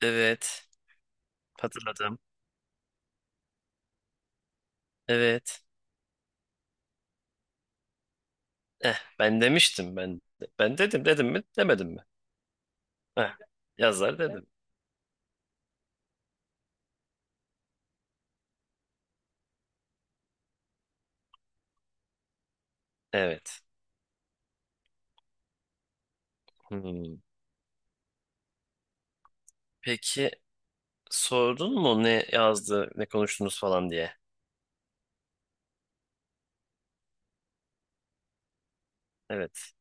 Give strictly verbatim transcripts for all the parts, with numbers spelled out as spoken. Evet. Hatırladım. Evet. Eh, ben demiştim ben. Ben dedim dedim mi? Demedim mi? Eh, yazar dedim. Evet. Hmm. Peki sordun mu ne yazdı, ne konuştunuz falan diye? Evet.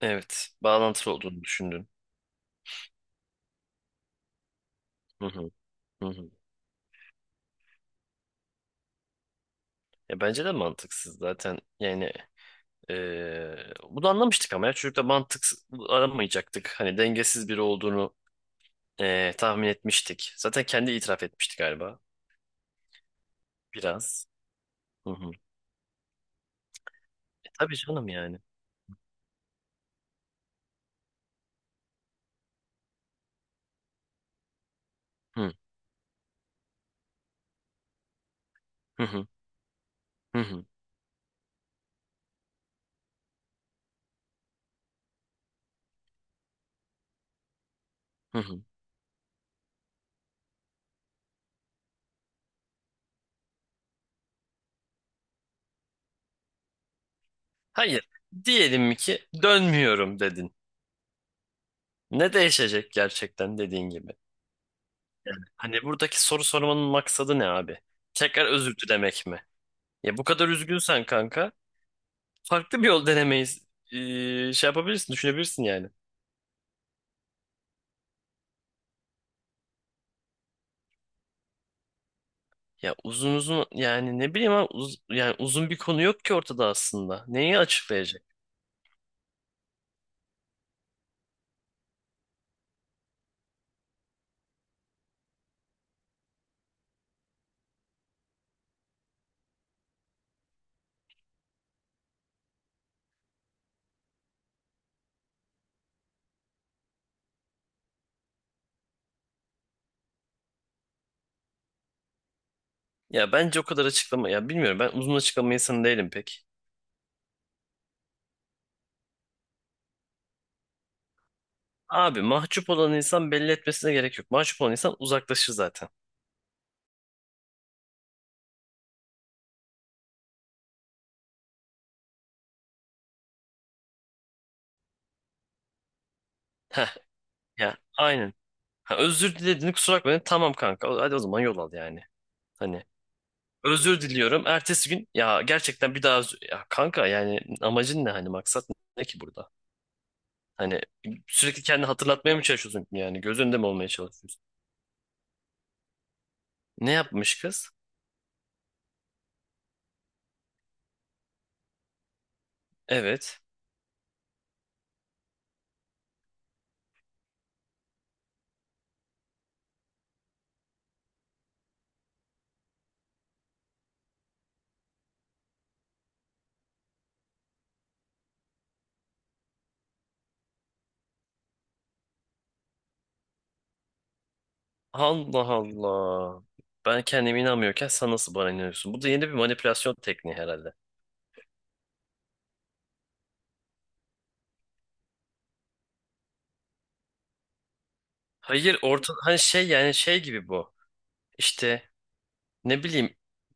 Evet. Bağlantılı olduğunu düşündün. Hı hı. Hı hı. Ya bence de mantıksız zaten. Yani eee, bunu anlamıştık ama ya çocukta mantık aramayacaktık. Hani dengesiz biri olduğunu eee, tahmin etmiştik. Zaten kendi itiraf etmişti galiba. Biraz. Hı hı. Tabii canım yani. Hı hı hı hı hı, hı hı. Hayır. Diyelim ki dönmüyorum dedin. Ne değişecek gerçekten dediğin gibi? Yani hani buradaki soru sormanın maksadı ne abi? Tekrar özür dilemek mi? Ya bu kadar üzgünsen kanka farklı bir yol denemeyiz. Ee, şey yapabilirsin, düşünebilirsin yani. Ya uzun uzun yani ne bileyim ama uz- yani uzun bir konu yok ki ortada aslında. Neyi açıklayacak? Ya bence o kadar açıklama ya bilmiyorum ben uzun açıklama insanı değilim pek. Abi mahcup olan insan belli etmesine gerek yok. Mahcup olan insan uzaklaşır zaten. Heh, ya aynen. Ha, özür dilediğini kusura bakmayın. Tamam kanka hadi o zaman yol al yani. Hani özür diliyorum. Ertesi gün ya gerçekten bir daha özür... Ya kanka yani amacın ne hani maksat ne ki burada? Hani sürekli kendini hatırlatmaya mı çalışıyorsun yani? Göz önünde mi olmaya çalışıyorsun? Ne yapmış kız? Evet. Allah Allah. Ben kendime inanmıyorken sen nasıl bana inanıyorsun? Bu da yeni bir manipülasyon tekniği herhalde. Hayır orta hani şey yani şey gibi bu. İşte ne bileyim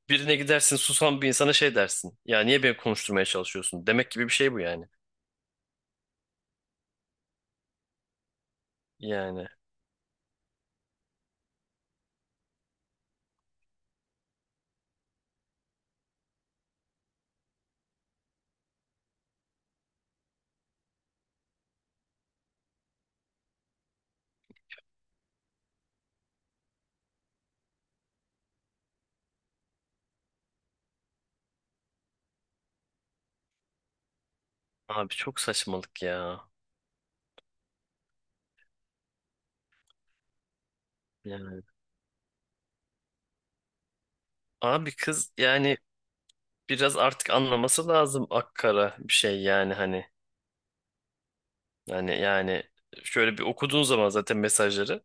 birine gidersin susan bir insana şey dersin. Ya niye beni konuşturmaya çalışıyorsun? Demek gibi bir şey bu yani. Yani abi çok saçmalık ya. Yani abi kız yani biraz artık anlaması lazım akkara bir şey yani hani. Yani yani şöyle bir okuduğun zaman zaten mesajları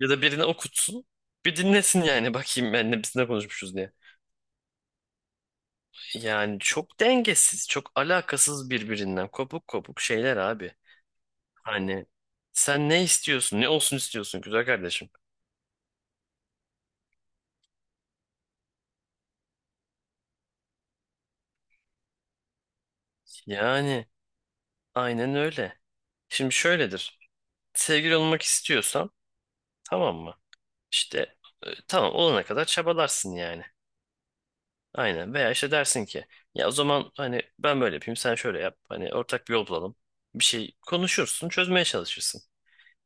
ya da birine okutsun. Bir dinlesin yani bakayım ben ne biz ne konuşmuşuz diye. Yani çok dengesiz, çok alakasız birbirinden kopuk kopuk şeyler abi. Hani sen ne istiyorsun? Ne olsun istiyorsun güzel kardeşim? Yani aynen öyle. Şimdi şöyledir. Sevgili olmak istiyorsan tamam mı? İşte e, tamam olana kadar çabalarsın yani. Aynen. Veya işte dersin ki ya o zaman hani ben böyle yapayım sen şöyle yap. Hani ortak bir yol bulalım. Bir şey konuşursun çözmeye çalışırsın.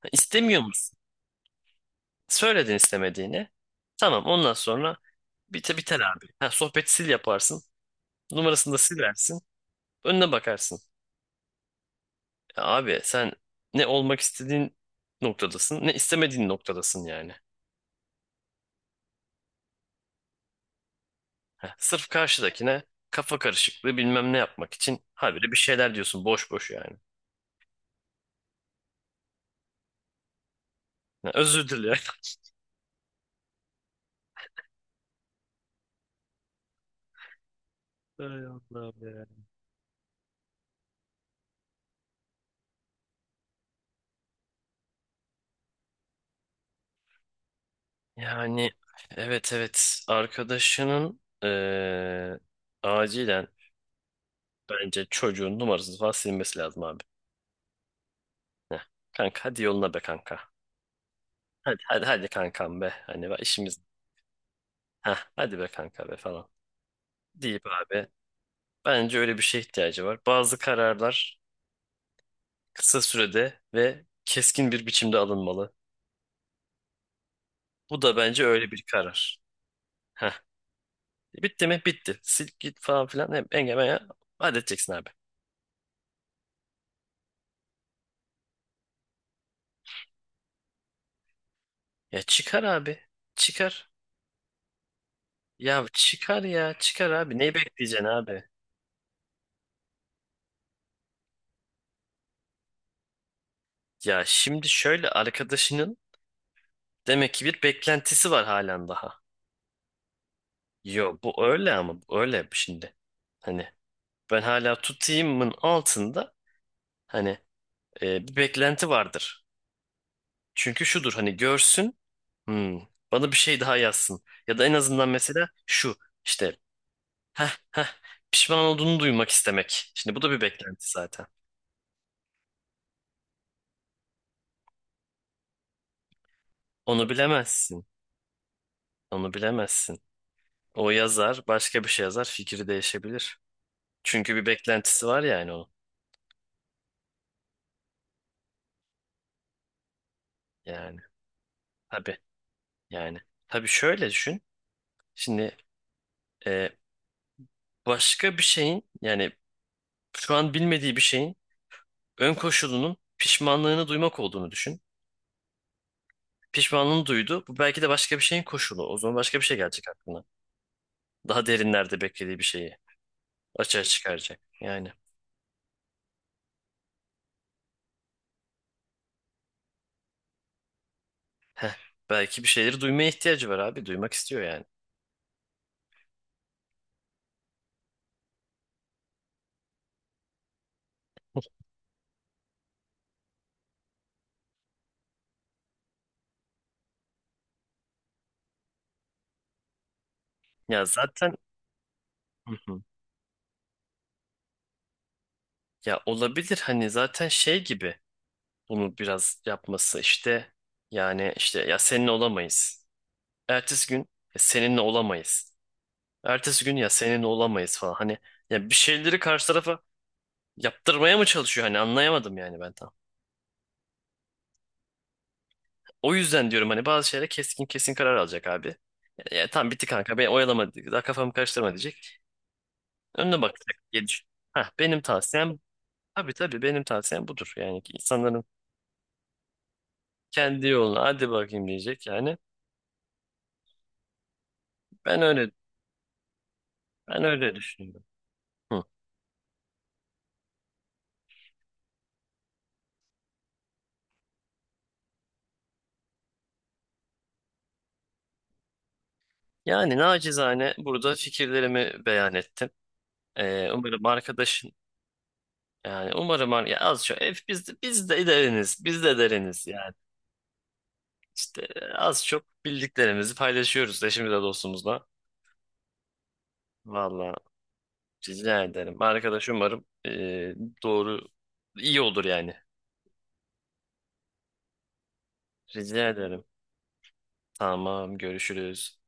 Ha, İstemiyor musun? Söyledin istemediğini. Tamam ondan sonra bite biter abi. Ha, sohbeti sil yaparsın. Numarasını da silersin. Önüne bakarsın. Ya abi sen ne olmak istediğin noktadasın ne istemediğin noktadasın yani. Heh, sırf karşıdakine kafa karışıklığı bilmem ne yapmak için habire bir şeyler diyorsun boş boş yani. Ya özür dilerim. Ay Allah'ım ya. Yani evet evet arkadaşının eee, acilen bence çocuğun numarasını falan silmesi lazım abi. Heh, kanka hadi yoluna be kanka. Hadi hadi hadi kankam be. Hani bak işimiz. Heh, hadi be kanka be falan. Deyip abi bence öyle bir şeye ihtiyacı var. Bazı kararlar kısa sürede ve keskin bir biçimde alınmalı. Bu da bence öyle bir karar. Heh. Bitti mi? Bitti. Sil git falan filan. Hep engemeye halledeceksin abi. Ya çıkar abi. Çıkar. Ya çıkar ya. Çıkar abi. Neyi bekleyeceksin abi? Ya şimdi şöyle arkadaşının demek ki bir beklentisi var halen daha. Yo bu öyle ama bu öyle şimdi. Hani ben hala tutayımın altında hani e, bir beklenti vardır. Çünkü şudur hani görsün "Hmm, bana bir şey daha yazsın. Ya da en azından mesela şu işte heh, heh, pişman olduğunu duymak istemek. Şimdi bu da bir beklenti zaten. Onu bilemezsin. Onu bilemezsin. O yazar başka bir şey yazar fikri değişebilir. Çünkü bir beklentisi var yani onun. Yani tabii yani. Tabii şöyle düşün. Şimdi e, başka bir şeyin yani şu an bilmediği bir şeyin ön koşulunun pişmanlığını duymak olduğunu düşün. Pişmanlığını duydu. Bu belki de başka bir şeyin koşulu. O zaman başka bir şey gelecek aklına. Daha derinlerde beklediği bir şeyi açığa çıkaracak. Yani belki bir şeyleri duymaya ihtiyacı var abi. Duymak istiyor yani. Ya zaten hı hı, ya olabilir hani zaten şey gibi bunu biraz yapması işte yani işte ya seninle olamayız. Ertesi gün ya seninle olamayız. Ertesi gün ya seninle olamayız falan. Hani ya bir şeyleri karşı tarafa yaptırmaya mı çalışıyor hani anlayamadım yani ben. O yüzden diyorum hani bazı şeylere keskin kesin karar alacak abi. Ya, tam bitti kanka beni oyalama daha kafamı karıştırma diyecek. Önüne bakacak gelir. Hah benim tavsiyem tabii tabii benim tavsiyem budur. Yani ki insanların kendi yoluna hadi bakayım diyecek yani. Ben öyle ben öyle düşünüyorum. Hı. Yani nacizane burada fikirlerimi beyan ettim. Ee, umarım arkadaşın yani umarım ar- ya az çok hep biz de, biz de deriniz biz de deriniz yani. İşte az çok bildiklerimizi paylaşıyoruz eşimizle dostumuzla. Valla rica ederim. Arkadaş umarım eee, doğru iyi olur yani. Rica ederim. Tamam görüşürüz.